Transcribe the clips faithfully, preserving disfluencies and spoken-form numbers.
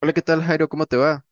Hola, ¿qué tal, Jairo? ¿Cómo te va?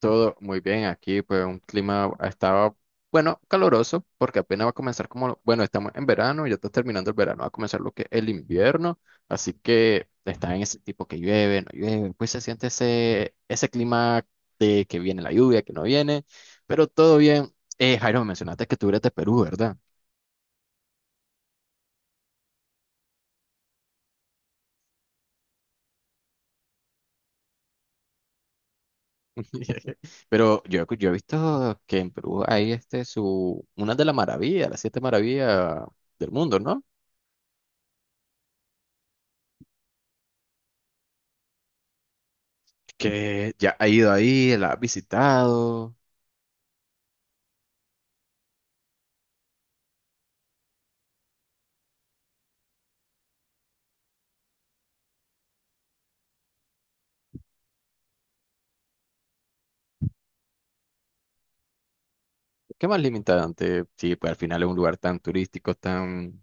Todo muy bien aquí, pues un clima estaba, bueno, caloroso, porque apenas va a comenzar como, bueno, estamos en verano, ya está terminando el verano, va a comenzar lo que es el invierno, así que está en ese tipo que llueve, no llueve, pues se siente ese, ese clima de que viene la lluvia, que no viene, pero todo bien. Eh, Jairo, me mencionaste que tú eres de Perú, ¿verdad? Pero yo, he- yo he visto que en Perú hay este, su, una de las maravillas, las siete maravillas del mundo, ¿no? Que ya ha ido ahí, la ha visitado. ¿Qué más limitante? Sí, pues al final es un lugar tan turístico, tan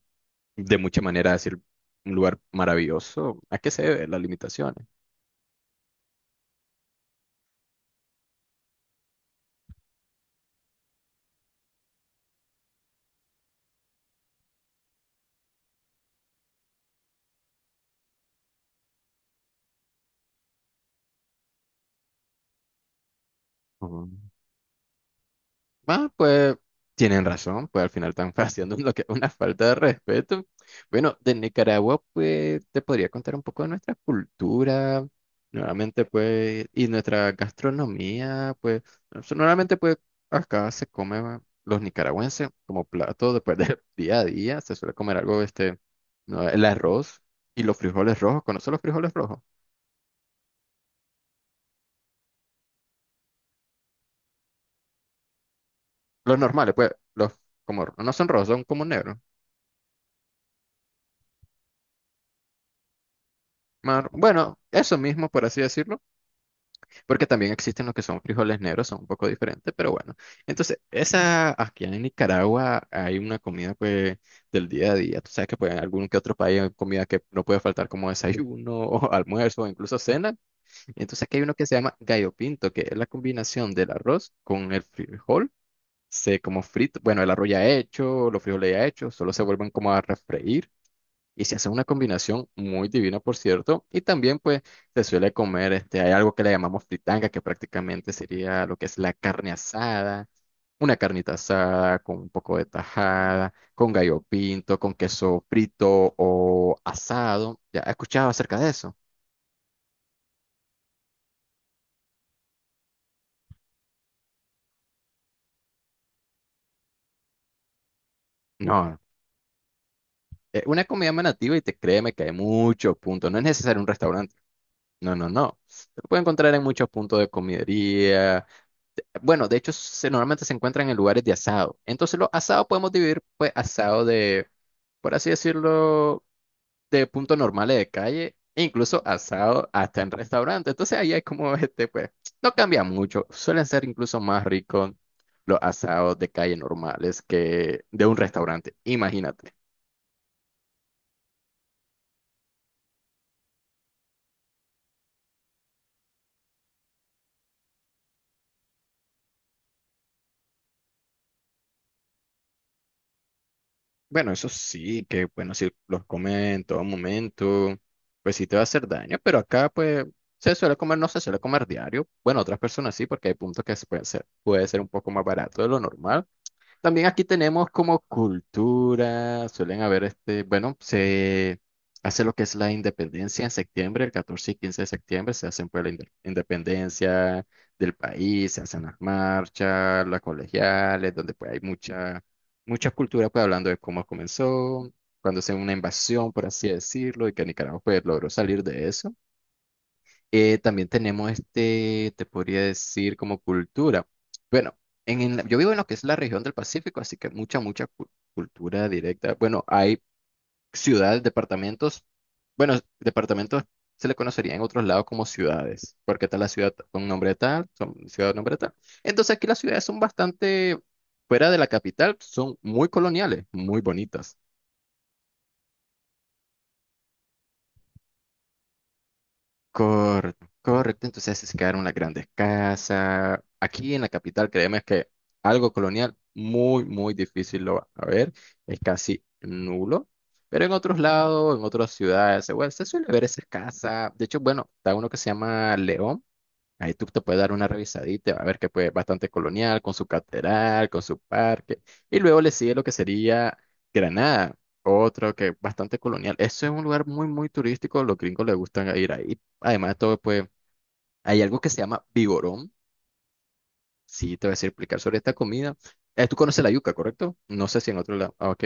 de muchas maneras decir un lugar maravilloso. ¿A qué se debe las limitaciones? Ujú. Ah, pues tienen razón, pues al final están haciendo lo que una falta de respeto. Bueno, de Nicaragua, pues te podría contar un poco de nuestra cultura, nuevamente, pues, y nuestra gastronomía, pues, nos- normalmente, pues, acá se come ah, los nicaragüenses como plato después del día a día, se suele comer algo, este, no, el arroz y los frijoles rojos, ¿conoces los frijoles rojos? Los normales, pues, los como no son rojos, son como negros. Mar- Bueno, eso mismo, por así decirlo. Porque también existen los que son frijoles negros, son un poco diferentes, pero bueno. Entonces, esa, aquí en Nicaragua hay una comida pues del día a día. Tú sabes que pues en algún que otro país hay comida que no puede faltar como desayuno o almuerzo o incluso cena. Entonces aquí hay uno que se llama gallo pinto, que es la combinación del arroz con el frijol. Se como frito, bueno, el arroz ya hecho, los frijoles ya hechos, solo se vuelven como a refreír y se hace una combinación muy divina, por cierto. Y también, pues, se suele comer, este, hay algo que le llamamos fritanga, que prácticamente sería lo que es la carne asada, una carnita asada con un poco de tajada, con gallo pinto, con queso frito o asado. ¿Ya has escuchado acerca de eso? No, es una comida más nativa y te créeme que hay muchos puntos. No es necesario un restaurante. No, no, no. Se puede encontrar en muchos puntos de comidería. Bueno, de hecho, se- normalmente se encuentran en lugares de asado. Entonces, los asados podemos dividir, pues, asado de, por así decirlo, de puntos normales de calle, e incluso asado hasta en restaurantes. Entonces, ahí hay como este, pues, no cambia mucho. Suelen ser incluso más ricos los asados de calle normales que de un restaurante. Imagínate. Bueno, eso sí, que bueno, si los comes en todo momento, pues sí te va a hacer daño, pero acá pues se suele comer, no se suele comer diario. Bueno, otras personas sí, porque hay puntos que se pueden ser, puede ser un poco más barato de lo normal. También aquí tenemos como cultura, suelen haber este, bueno, se hace lo que es la independencia en septiembre, el catorce y quince de septiembre, se hacen pues la inde- independencia del país, se hacen las marchas, las colegiales, donde pues hay mucha, mucha cultura pues hablando de cómo comenzó, cuando se una invasión, por así decirlo, y que Nicaragua pues logró salir de eso. eh, también tenemos este, te podría decir, como cultura. Bueno, en, el- yo vivo en lo que es la región del Pacífico, así que mucha, mucha cu- cultura directa. Bueno, hay ciudades, departamentos. Bueno, departamentos se le conocería en otros lados como ciudades, porque está la ciudad con nombre tal, son ciudad con nombre tal. Entonces aquí las ciudades son bastante, fuera de la capital, son muy coloniales, muy bonitas. Correcto, correcto. Entonces se quedaron las grandes casas. Aquí en la capital, créeme que algo colonial muy, muy difícil lo va a ver. Es casi nulo. Pero en otros lados, en otras ciudades, bueno, se suele ver esas casas. De hecho, bueno, está uno que se llama León. Ahí tú te puedes dar una revisadita, va a ver que pues bastante colonial, con su catedral, con su parque. Y luego le sigue lo que sería Granada, otro que es bastante colonial. Eso es un lugar muy, muy turístico, los gringos les gustan ir ahí. Además de todo, pues hay algo que se llama vigorón. Sí, te voy a decir, explicar sobre esta comida. Eh, tú conoces la yuca, ¿correcto? No sé si en otro lado. Ah, ok.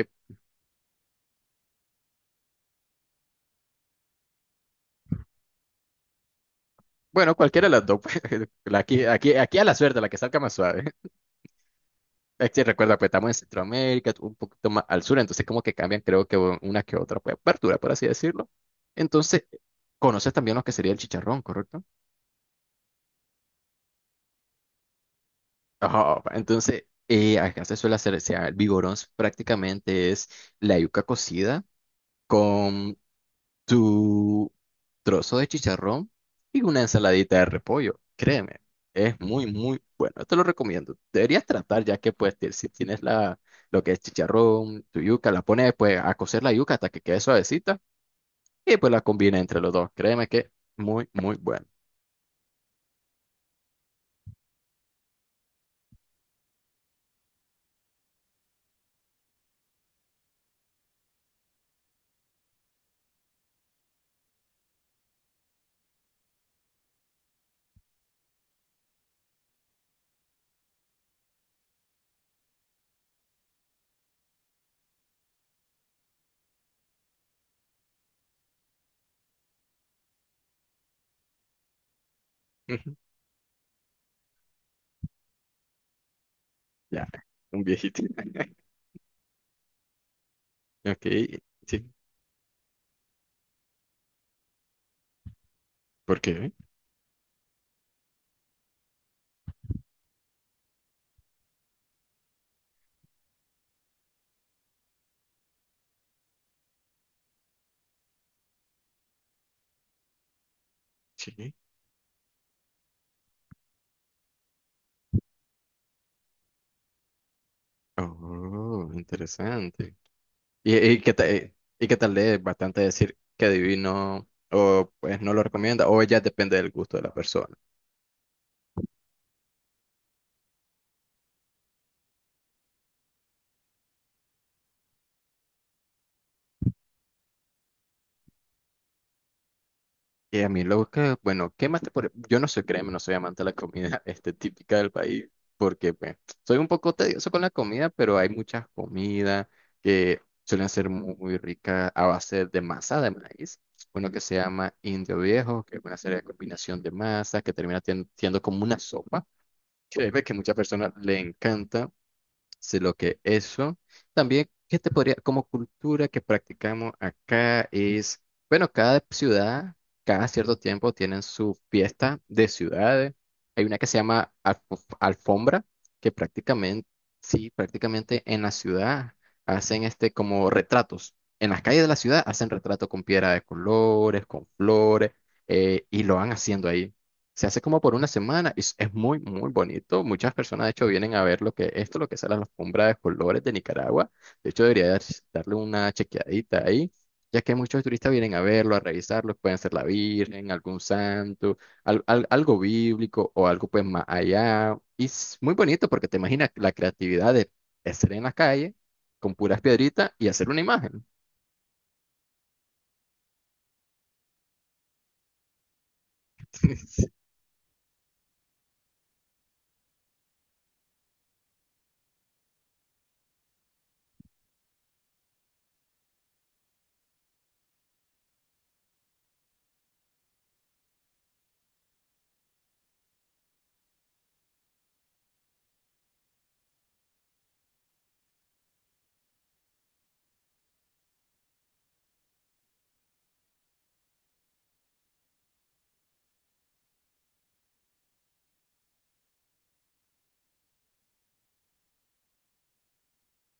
Bueno, cualquiera de las dos. Pues, la Aquí, aquí, aquí a la suerte, la que salga más suave. Es que recuerda, pues estamos en Centroamérica, un poquito más al sur, entonces como que cambian, creo que una que otra pues, apertura, por así decirlo. Entonces, conoces también lo que sería el chicharrón, ¿correcto? Ajá, entonces, eh, acá se suele hacer, o sea, el vigorón prácticamente es la yuca cocida con tu trozo de chicharrón y una ensaladita de repollo. Créeme, es muy, muy bueno. Te lo recomiendo. Deberías tratar ya que pues ti- si tienes la, lo que es chicharrón, tu yuca, la pones pues a cocer la yuca hasta que quede suavecita y pues la combina entre los dos. Créeme que muy, muy bueno. Ujú. Ya, un viejito. Ok, sí. ¿Por qué? Sí. Oh, interesante. Y, y que te, y que tal vez bastante decir que divino o pues no lo recomienda o ya depende del gusto de la persona. Y a mí lo que, bueno, ¿qué más te podría- Yo no soy, créeme, no soy amante de la comida este, típica del país porque pues, soy un poco tedioso con la comida, pero hay muchas comidas que suelen ser muy, muy ricas a base de masa de maíz. Uno que se llama indio viejo, que es una serie de combinación de masas que termina tien- siendo como una sopa. Créeme que a muchas personas le encanta. Solo que eso. También, ¿qué te podría, como cultura que practicamos acá es, bueno, cada ciudad, cada cierto tiempo tienen su fiesta de ciudades. Hay una que se llama alfo- alfombra, que prácticamente, sí, prácticamente en la ciudad hacen este como retratos. En las calles de la ciudad hacen retratos con piedra de colores, con flores, eh, y lo van haciendo ahí. Se hace como por una semana y es, es muy, muy bonito. Muchas personas, de hecho, vienen a ver lo que esto, lo que es la alfombra de colores de Nicaragua. De hecho, debería dar- darle una chequeadita ahí, ya que muchos turistas vienen a verlo, a revisarlo. Pueden ser la Virgen, algún santo, al- al- algo bíblico o algo pues más allá. Y es muy bonito porque te imaginas la creatividad de estar en la calle con puras piedritas y hacer una imagen.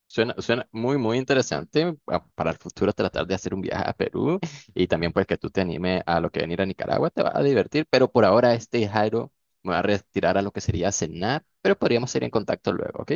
Suena, suena muy, muy interesante pa- para el futuro tratar de hacer un viaje a Perú y también pues que tú te animes a lo que venir a Nicaragua, te va a divertir, pero por ahora este Jairo me va a retirar a lo que sería cenar, pero podríamos ir en contacto luego, ¿ok?